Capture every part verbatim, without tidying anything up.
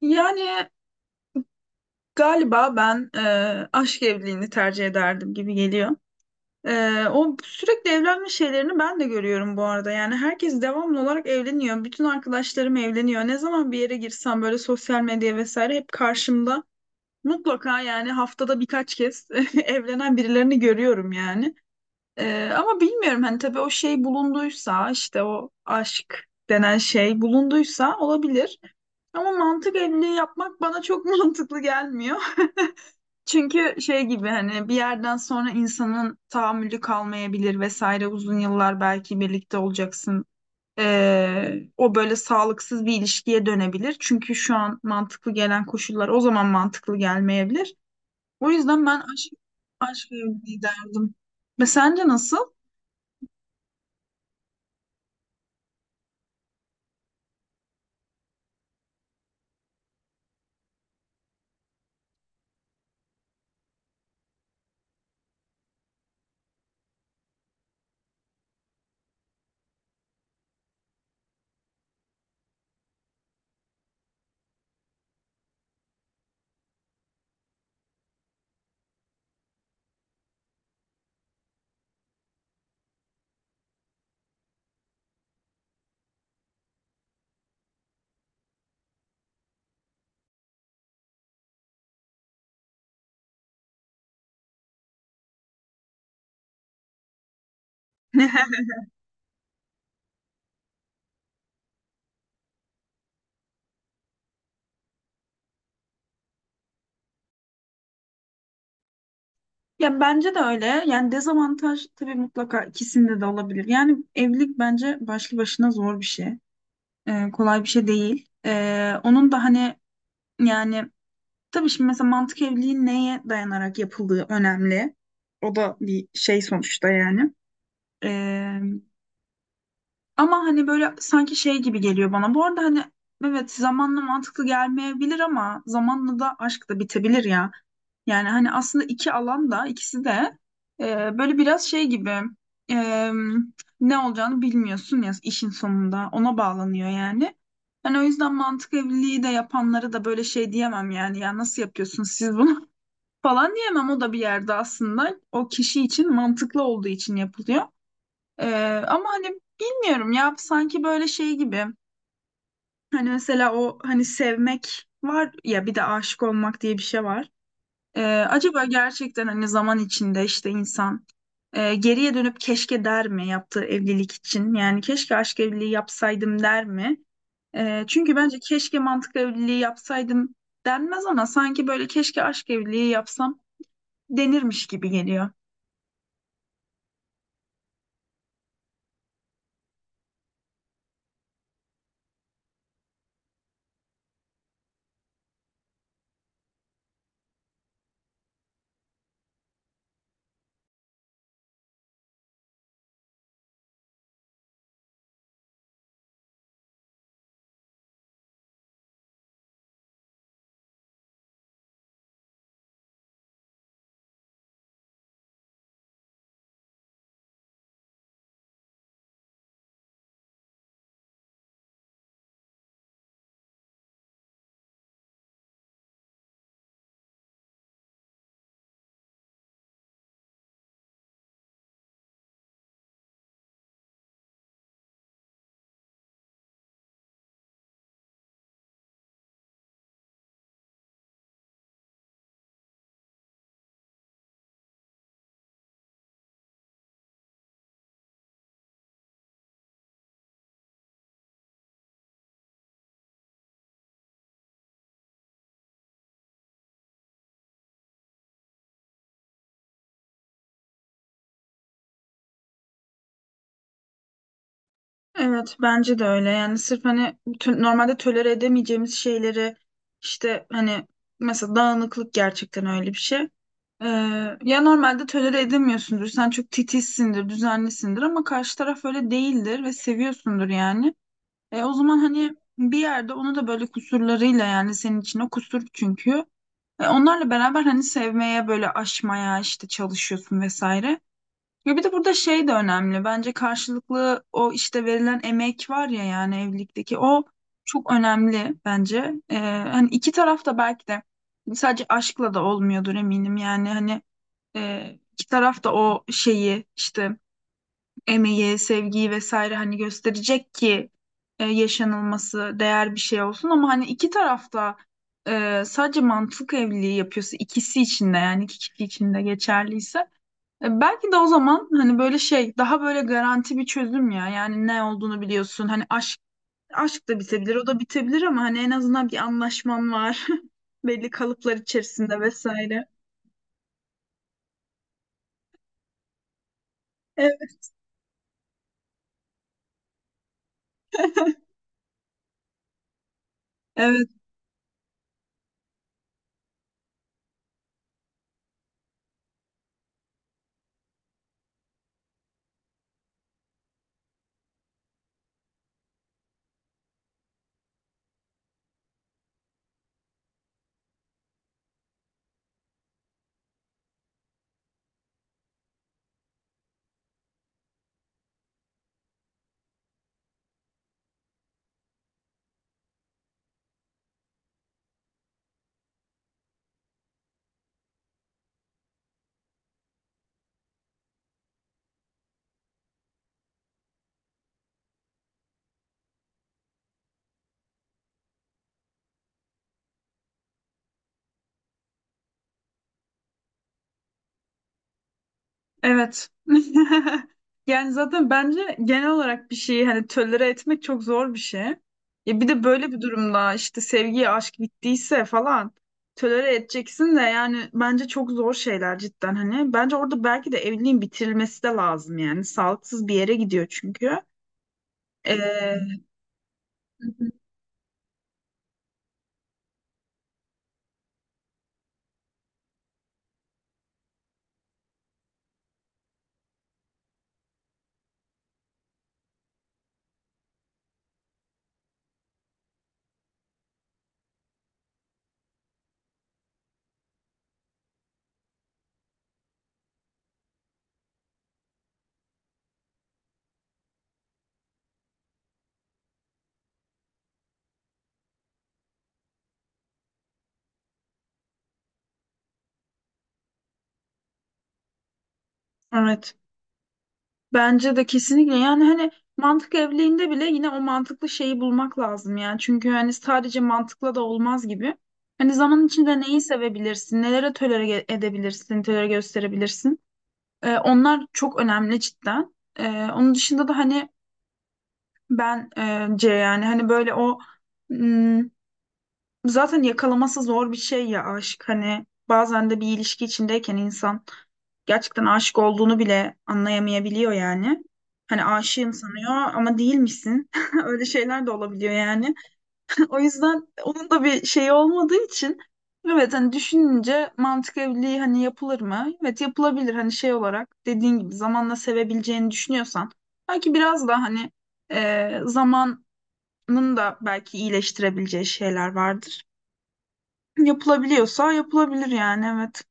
Yani galiba ben e, aşk evliliğini tercih ederdim gibi geliyor. E, o sürekli evlenme şeylerini ben de görüyorum bu arada. Yani herkes devamlı olarak evleniyor. Bütün arkadaşlarım evleniyor. Ne zaman bir yere girsem böyle sosyal medya vesaire hep karşımda. Mutlaka yani haftada birkaç kez evlenen birilerini görüyorum yani. E, ama bilmiyorum hani tabii o şey bulunduysa işte o aşk denen şey bulunduysa olabilir. Ama mantık evliliği yapmak bana çok mantıklı gelmiyor. Çünkü şey gibi hani bir yerden sonra insanın tahammülü kalmayabilir vesaire uzun yıllar belki birlikte olacaksın. Ee, o böyle sağlıksız bir ilişkiye dönebilir. Çünkü şu an mantıklı gelen koşullar o zaman mantıklı gelmeyebilir. O yüzden ben aşk, aşk evliliği derdim. Ve sence nasıl? Ya bence de öyle. Yani dezavantaj tabii mutlaka ikisinde de olabilir. Yani evlilik bence başlı başına zor bir şey. Ee, kolay bir şey değil. Ee, onun da hani yani tabii şimdi mesela mantık evliliğin neye dayanarak yapıldığı önemli. O da bir şey sonuçta yani. Ee, Ama hani böyle sanki şey gibi geliyor bana. Bu arada hani evet zamanla mantıklı gelmeyebilir ama zamanla da aşk da bitebilir ya. Yani hani aslında iki alan da ikisi de e, böyle biraz şey gibi e, ne olacağını bilmiyorsun ya işin sonunda ona bağlanıyor yani. Hani o yüzden mantık evliliği de yapanları da böyle şey diyemem yani ya nasıl yapıyorsunuz siz bunu? Falan diyemem, o da bir yerde aslında o kişi için mantıklı olduğu için yapılıyor. Ee, Ama hani bilmiyorum ya sanki böyle şey gibi hani mesela o hani sevmek var ya bir de aşık olmak diye bir şey var. Ee, acaba gerçekten hani zaman içinde işte insan e, geriye dönüp keşke der mi yaptığı evlilik için yani keşke aşk evliliği yapsaydım der mi? Ee, çünkü bence keşke mantıklı evliliği yapsaydım denmez ama sanki böyle keşke aşk evliliği yapsam denirmiş gibi geliyor. Evet bence de öyle yani sırf hani tö- normalde tolere edemeyeceğimiz şeyleri işte hani mesela dağınıklık gerçekten öyle bir şey. Ee, Ya normalde tolere edemiyorsundur, sen çok titizsindir düzenlisindir ama karşı taraf öyle değildir ve seviyorsundur yani. E, o zaman hani bir yerde onu da böyle kusurlarıyla, yani senin için o kusur çünkü. E, onlarla beraber hani sevmeye böyle aşmaya işte çalışıyorsun vesaire. Ya bir de burada şey de önemli. Bence karşılıklı o işte verilen emek var ya, yani evlilikteki o çok önemli bence. Ee, hani iki taraf da belki de sadece aşkla da olmuyordur eminim. Yani hani e, iki taraf da o şeyi işte emeği, sevgiyi vesaire hani gösterecek ki e, yaşanılması değer bir şey olsun. Ama hani iki taraf da e, sadece mantık evliliği yapıyorsa, ikisi için de yani iki kişi için de geçerliyse e, belki de o zaman hani böyle şey daha böyle garanti bir çözüm ya. Yani ne olduğunu biliyorsun. Hani aşk aşk da bitebilir, o da bitebilir ama hani en azından bir anlaşman var. Belli kalıplar içerisinde vesaire. Evet. Evet. Evet. Yani zaten bence genel olarak bir şeyi hani tölere etmek çok zor bir şey. Ya bir de böyle bir durumda işte sevgi, aşk bittiyse falan tölere edeceksin de yani bence çok zor şeyler cidden hani. Bence orada belki de evliliğin bitirilmesi de lazım yani. Sağlıksız bir yere gidiyor çünkü. Ee, evet. Bence de kesinlikle yani hani mantık evliliğinde bile yine o mantıklı şeyi bulmak lazım yani. Çünkü hani sadece mantıkla da olmaz gibi. Hani zaman içinde neyi sevebilirsin, nelere tolere ge- edebilirsin, tolere gösterebilirsin. Ee, onlar çok önemli cidden. Ee, onun dışında da hani bence yani hani böyle o m, zaten yakalaması zor bir şey ya aşk. Hani bazen de bir ilişki içindeyken insan gerçekten aşık olduğunu bile anlayamayabiliyor yani. Hani aşığım sanıyor ama değilmişsin. Öyle şeyler de olabiliyor yani. O yüzden onun da bir şeyi olmadığı için evet hani düşününce mantık evliliği hani yapılır mı? Evet yapılabilir hani şey olarak dediğin gibi zamanla sevebileceğini düşünüyorsan belki biraz da hani e, zamanın da belki iyileştirebileceği şeyler vardır. Yapılabiliyorsa yapılabilir yani evet.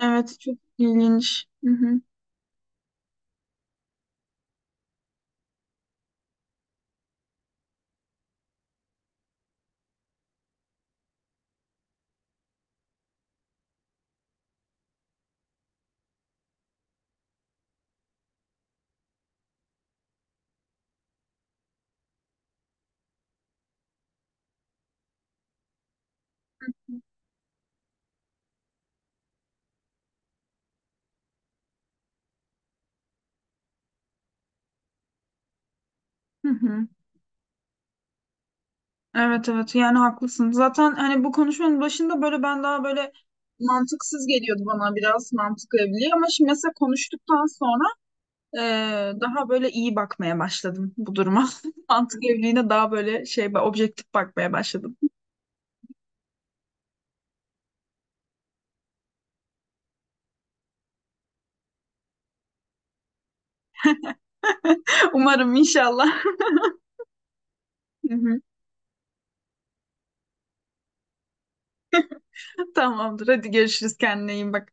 Evet çok ilginç. Hı hı. Hı hı. Evet evet yani haklısın. Zaten hani bu konuşmanın başında böyle ben daha böyle mantıksız geliyordu bana biraz mantık evliliği, ama şimdi mesela konuştuktan sonra e, daha böyle iyi bakmaya başladım bu duruma. Mantık evliliğine daha böyle şey objektif bakmaya başladım. Umarım inşallah. Hı hı. Tamamdır hadi görüşürüz kendine iyi bak.